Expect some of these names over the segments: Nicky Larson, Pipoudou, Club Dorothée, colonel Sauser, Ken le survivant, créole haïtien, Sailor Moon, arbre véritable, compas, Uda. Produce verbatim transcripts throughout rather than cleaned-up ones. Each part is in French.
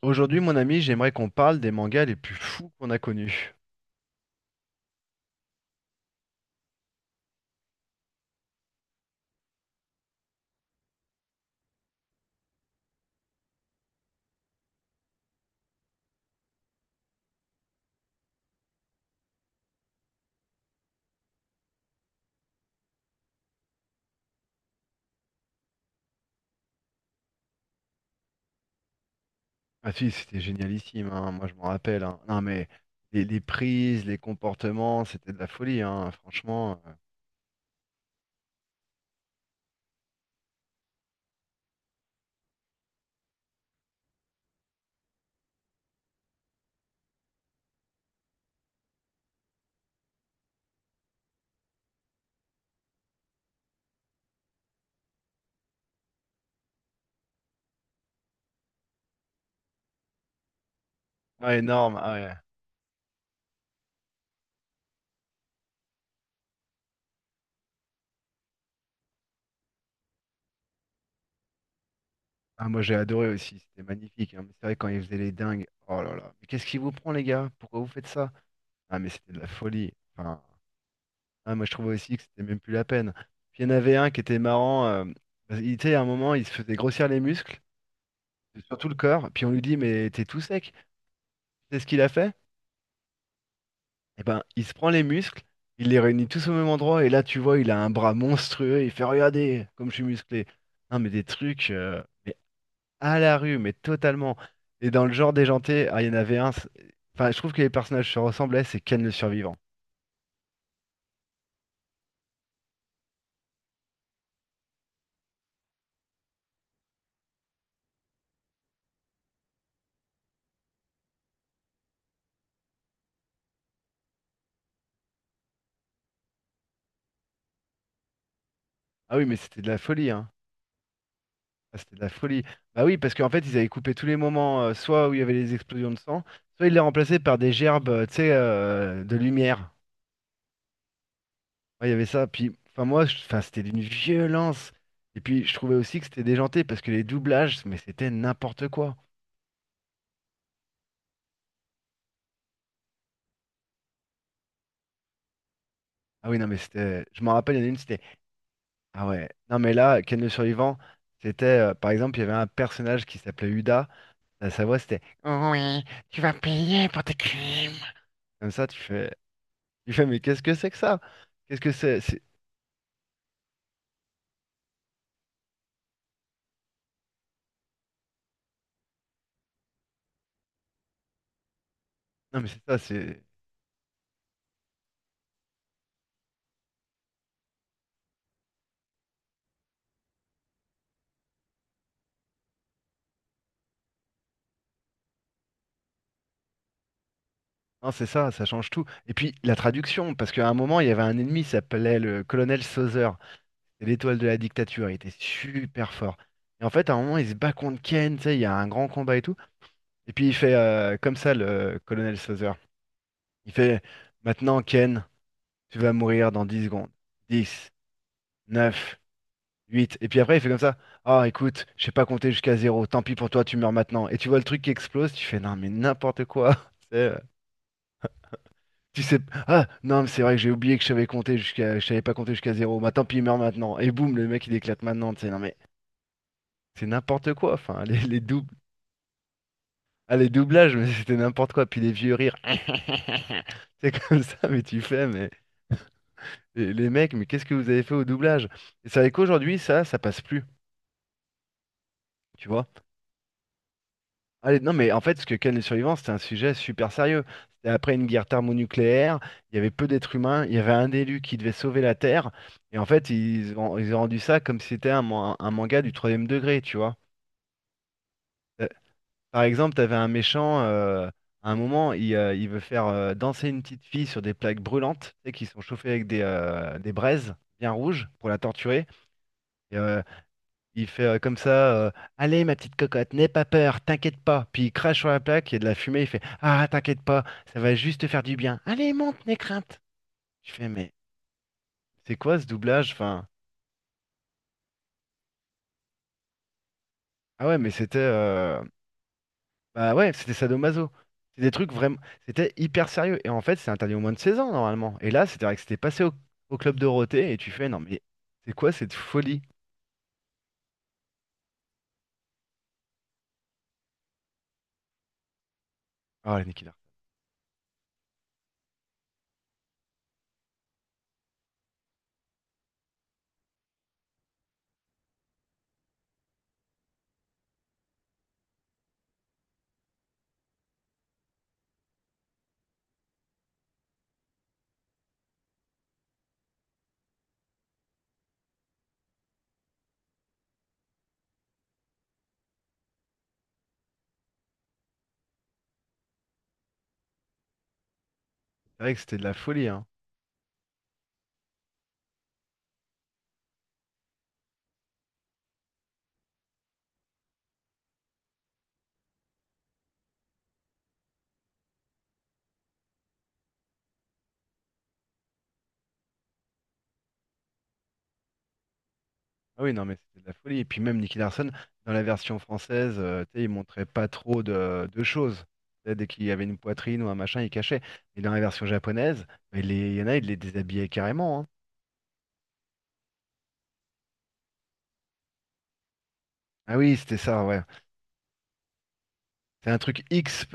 Aujourd'hui, mon ami, j'aimerais qu'on parle des mangas les plus fous qu'on a connus. Ah si, c'était génialissime, hein. Moi, je m'en rappelle, hein. Non, mais les, les prises, les comportements, c'était de la folie, hein. Franchement, euh. Ah, énorme. Ah, ouais. Ah, moi, j'ai adoré aussi. C'était magnifique, hein. Mais c'est vrai quand ils faisaient les dingues. Oh là là. Mais qu'est-ce qui vous prend, les gars? Pourquoi vous faites ça? Ah, mais c'était de la folie. Enfin, ah, moi, je trouvais aussi que c'était même plus la peine. Puis il y en avait un qui était marrant, euh, parce qu'il était à un moment, il se faisait grossir les muscles, sur tout le corps. Puis on lui dit, mais t'es tout sec. C'est ce qu'il a fait? Et ben, il se prend les muscles, il les réunit tous au même endroit, et là, tu vois, il a un bras monstrueux, il fait regarder comme je suis musclé. Non, mais des trucs, euh, mais à la rue, mais totalement. Et dans le genre déjanté, ah, il y en avait un. c'est- Enfin, je trouve que les personnages se ressemblaient, c'est Ken le survivant. Ah oui, mais c'était de la folie, hein. Ah, c'était de la folie. Bah oui, parce qu'en fait, ils avaient coupé tous les moments, euh, soit où il y avait les explosions de sang, soit ils les remplaçaient par des gerbes, euh, tu sais, euh, de lumière. Ouais, il y avait ça. Puis, enfin, moi, je- enfin, c'était d'une violence. Et puis, je trouvais aussi que c'était déjanté parce que les doublages, mais c'était n'importe quoi. Ah oui, non, mais c'était. Je m'en rappelle, il y en a une, c'était. Ah ouais. Non, mais là, Ken le survivant, c'était. Euh, par exemple, il y avait un personnage qui s'appelait Uda. Là, sa voix, c'était. Oui, tu vas payer pour tes crimes. Comme ça, tu fais. Tu fais, mais qu'est-ce que c'est que ça? Qu'est-ce que c'est? c'est- Non, mais c'est ça, c'est. Non, c'est ça, ça change tout. Et puis, la traduction, parce qu'à un moment, il y avait un ennemi, il s'appelait le colonel Sauser. C'est l'étoile de la dictature, il était super fort. Et en fait, à un moment, il se bat contre Ken, tu sais, il y a un grand combat et tout. Et puis il fait euh, comme ça, le colonel Sauzer. Il fait, maintenant, Ken, tu vas mourir dans dix secondes. Dix. Neuf. Huit. Et puis après, il fait comme ça. Ah, écoute, je sais pas compter jusqu'à zéro. Tant pis pour toi, tu meurs maintenant. Et tu vois le truc qui explose, tu fais, non, mais n'importe quoi. Tu sais, euh, tu sais, ah, non, mais c'est vrai que j'ai oublié que je savais compter jusqu'à, je savais pas compter jusqu'à zéro. Bah, tant pis, il meurt maintenant. Et boum, le mec, il éclate maintenant, tu sais, non, mais. C'est n'importe quoi, enfin, les, les doubles. Ah, les doublages, mais c'était n'importe quoi. Puis les vieux rires. C'est comme ça, mais tu fais, mais les, les mecs, mais qu'est-ce que vous avez fait au doublage? Et c'est vrai qu'aujourd'hui, ça, ça passe plus, tu vois. Allez, non, mais en fait, ce que Ken les survivants, c'était un sujet super sérieux. C'était après une guerre thermonucléaire, il y avait peu d'êtres humains, il y avait un élu qui devait sauver la Terre. Et en fait, ils ont, ils ont rendu ça comme si c'était un, man- un manga du troisième degré, tu vois. Par exemple, t'avais un méchant, euh, à un moment, il, euh, il veut faire euh, danser une petite fille sur des plaques brûlantes, tu sais, qui sont chauffées avec des, euh, des braises bien rouges pour la torturer. Et, euh, il fait euh, comme ça, euh, allez, ma petite cocotte, n'aie pas peur, t'inquiète pas. Puis il crache sur la plaque, il y a de la fumée, il fait, ah, t'inquiète pas, ça va juste te faire du bien. Allez, monte, n'aie crainte. Je fais, mais c'est quoi ce doublage? Enfin, ah ouais, mais c'était... euh, bah ouais, c'était sadomaso. C'est des trucs vraiment. C'était hyper sérieux. Et en fait, c'est interdit au moins de seize ans normalement. Et là, c'était vrai que c'était passé au, au Club Dorothée et tu fais non mais c'est quoi cette folie? Ah ouais, Nicky Larson. C'est vrai que c'était de la folie, hein. Ah oui, non mais c'était de la folie. Et puis même Nicky Larson, dans la version française, euh, tu sais, il montrait pas trop de, de choses. Tu sais, dès qu'il y avait une poitrine ou un machin, il cachait. Et dans la version japonaise, bah, il les- il y en a, il les déshabillait carrément, hein. Ah oui, c'était ça, ouais. C'est un truc X,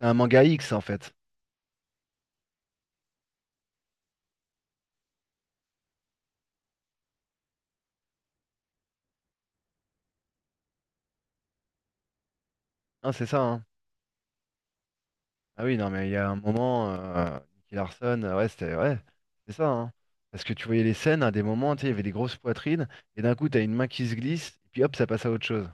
un manga X en fait. Hein, c'est ça, hein. Ah oui, non, mais il y a un moment, euh, Nicky Larson, euh, ouais, c'était ouais, c'est ça, hein. Parce que tu voyais les scènes, à des moments, tu sais, il y avait des grosses poitrines, et d'un coup, t'as une main qui se glisse, et puis hop, ça passe à autre chose.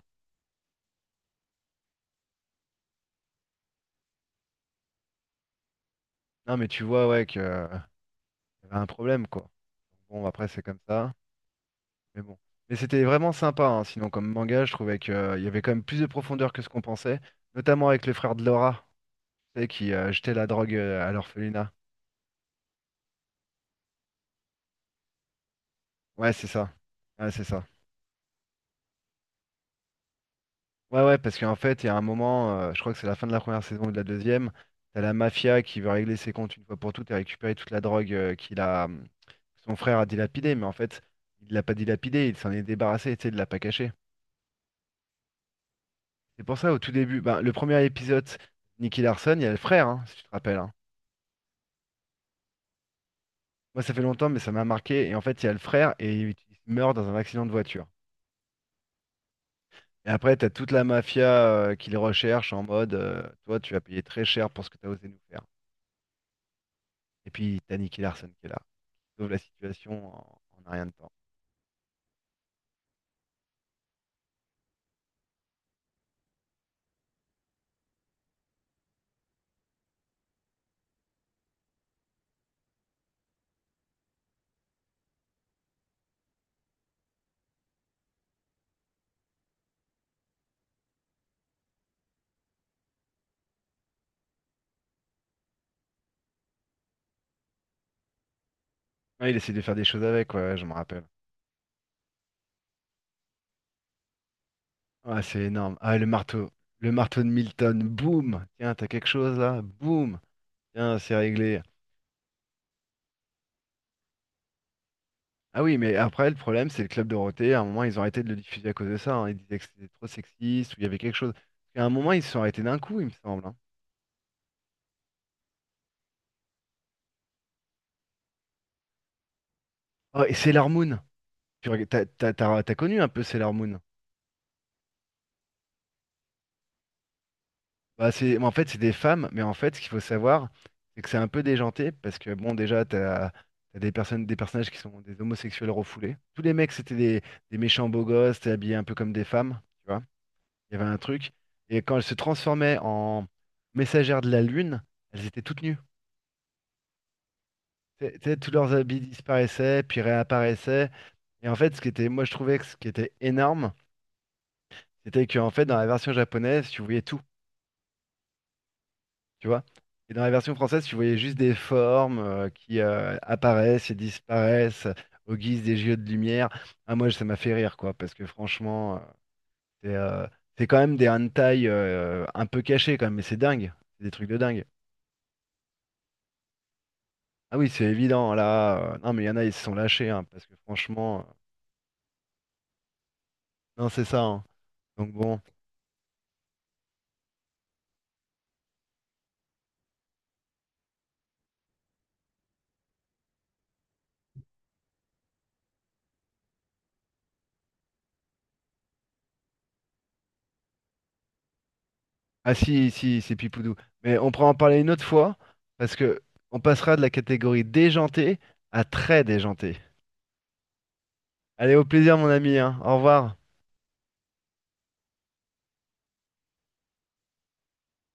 Non, mais tu vois, ouais, que, euh, y avait un problème, quoi. Bon, après, c'est comme ça, mais bon. Mais c'était vraiment sympa, hein. Sinon, comme manga, je trouvais qu'il y avait quand même plus de profondeur que ce qu'on pensait, notamment avec les frères de Laura, tu sais, qui euh, jetaient la drogue euh, à l'orphelinat. Ouais, c'est ça. Ouais, c'est ça. Ouais, ouais, parce qu'en fait, il y a un moment, euh, je crois que c'est la fin de la première saison ou de la deuxième, t'as la mafia qui veut régler ses comptes une fois pour toutes et récupérer toute la drogue euh, qu'il a, hum, que son frère a dilapidée, mais en fait, il l'a pas dilapidée, il s'en est débarrassé, tu sais, il l'a pas caché. C'est pour ça, au tout début, ben, le premier épisode, Nicky Larson, il y a le frère, hein, si tu te rappelles, hein. Moi, ça fait longtemps, mais ça m'a marqué, et en fait, il y a le frère, et il il meurt dans un accident de voiture. Et après, t'as toute la mafia euh, qui les recherche en mode, euh, toi, tu vas payer très cher pour ce que t'as osé nous faire. Et puis, t'as Nicky Larson qui est là, sauve la situation en, en un rien de temps. Ouais, il essaie de faire des choses avec, ouais, ouais, je me rappelle. Ah, c'est énorme. Ah, le marteau. Le marteau de Milton. Boum! Tiens, t'as quelque chose là? Boum! Tiens, c'est réglé. Ah oui, mais après, le problème, c'est le Club Dorothée. À un moment, ils ont arrêté de le diffuser à cause de ça, hein. Ils disaient que c'était trop sexiste ou il y avait quelque chose. À un moment, ils se sont arrêtés d'un coup, il me semble, hein. Oh, et Sailor Moon. Tu reg- T'as t'as- t'as- t'as connu un peu Sailor Moon? Bah, c'est, mais en fait, c'est des femmes, mais en fait, ce qu'il faut savoir, c'est que c'est un peu déjanté, parce que bon, déjà, t'as, t'as des personnes, des personnages qui sont des homosexuels refoulés. Tous les mecs, c'était des, des méchants beaux gosses, t'es habillé un peu comme des femmes, tu vois. Il y avait un truc. Et quand elles se transformaient en messagères de la lune, elles étaient toutes nues. T'sais- t'sais, tous leurs habits disparaissaient, puis réapparaissaient. Et en fait, ce qui était, moi, je trouvais que ce qui était énorme, c'était qu'en fait, dans la version japonaise, tu voyais tout, tu vois. Et dans la version française, tu voyais juste des formes euh, qui euh, apparaissent et disparaissent au guise des jeux de lumière. Ah, moi, ça m'a fait rire, quoi, parce que franchement, euh, c'est euh, c'est quand même des hentai, euh, un peu cachés, quand même, mais c'est dingue. C'est des trucs de dingue. Ah oui, c'est évident, là. Euh, non, mais il y en a, ils se sont lâchés, hein, parce que franchement, euh, non, c'est ça, hein. Donc bon. Ah si, si, c'est Pipoudou. Mais on pourra en parler une autre fois, parce que on passera de la catégorie déjantée à très déjantée. Allez, au plaisir, mon ami, hein. Au revoir.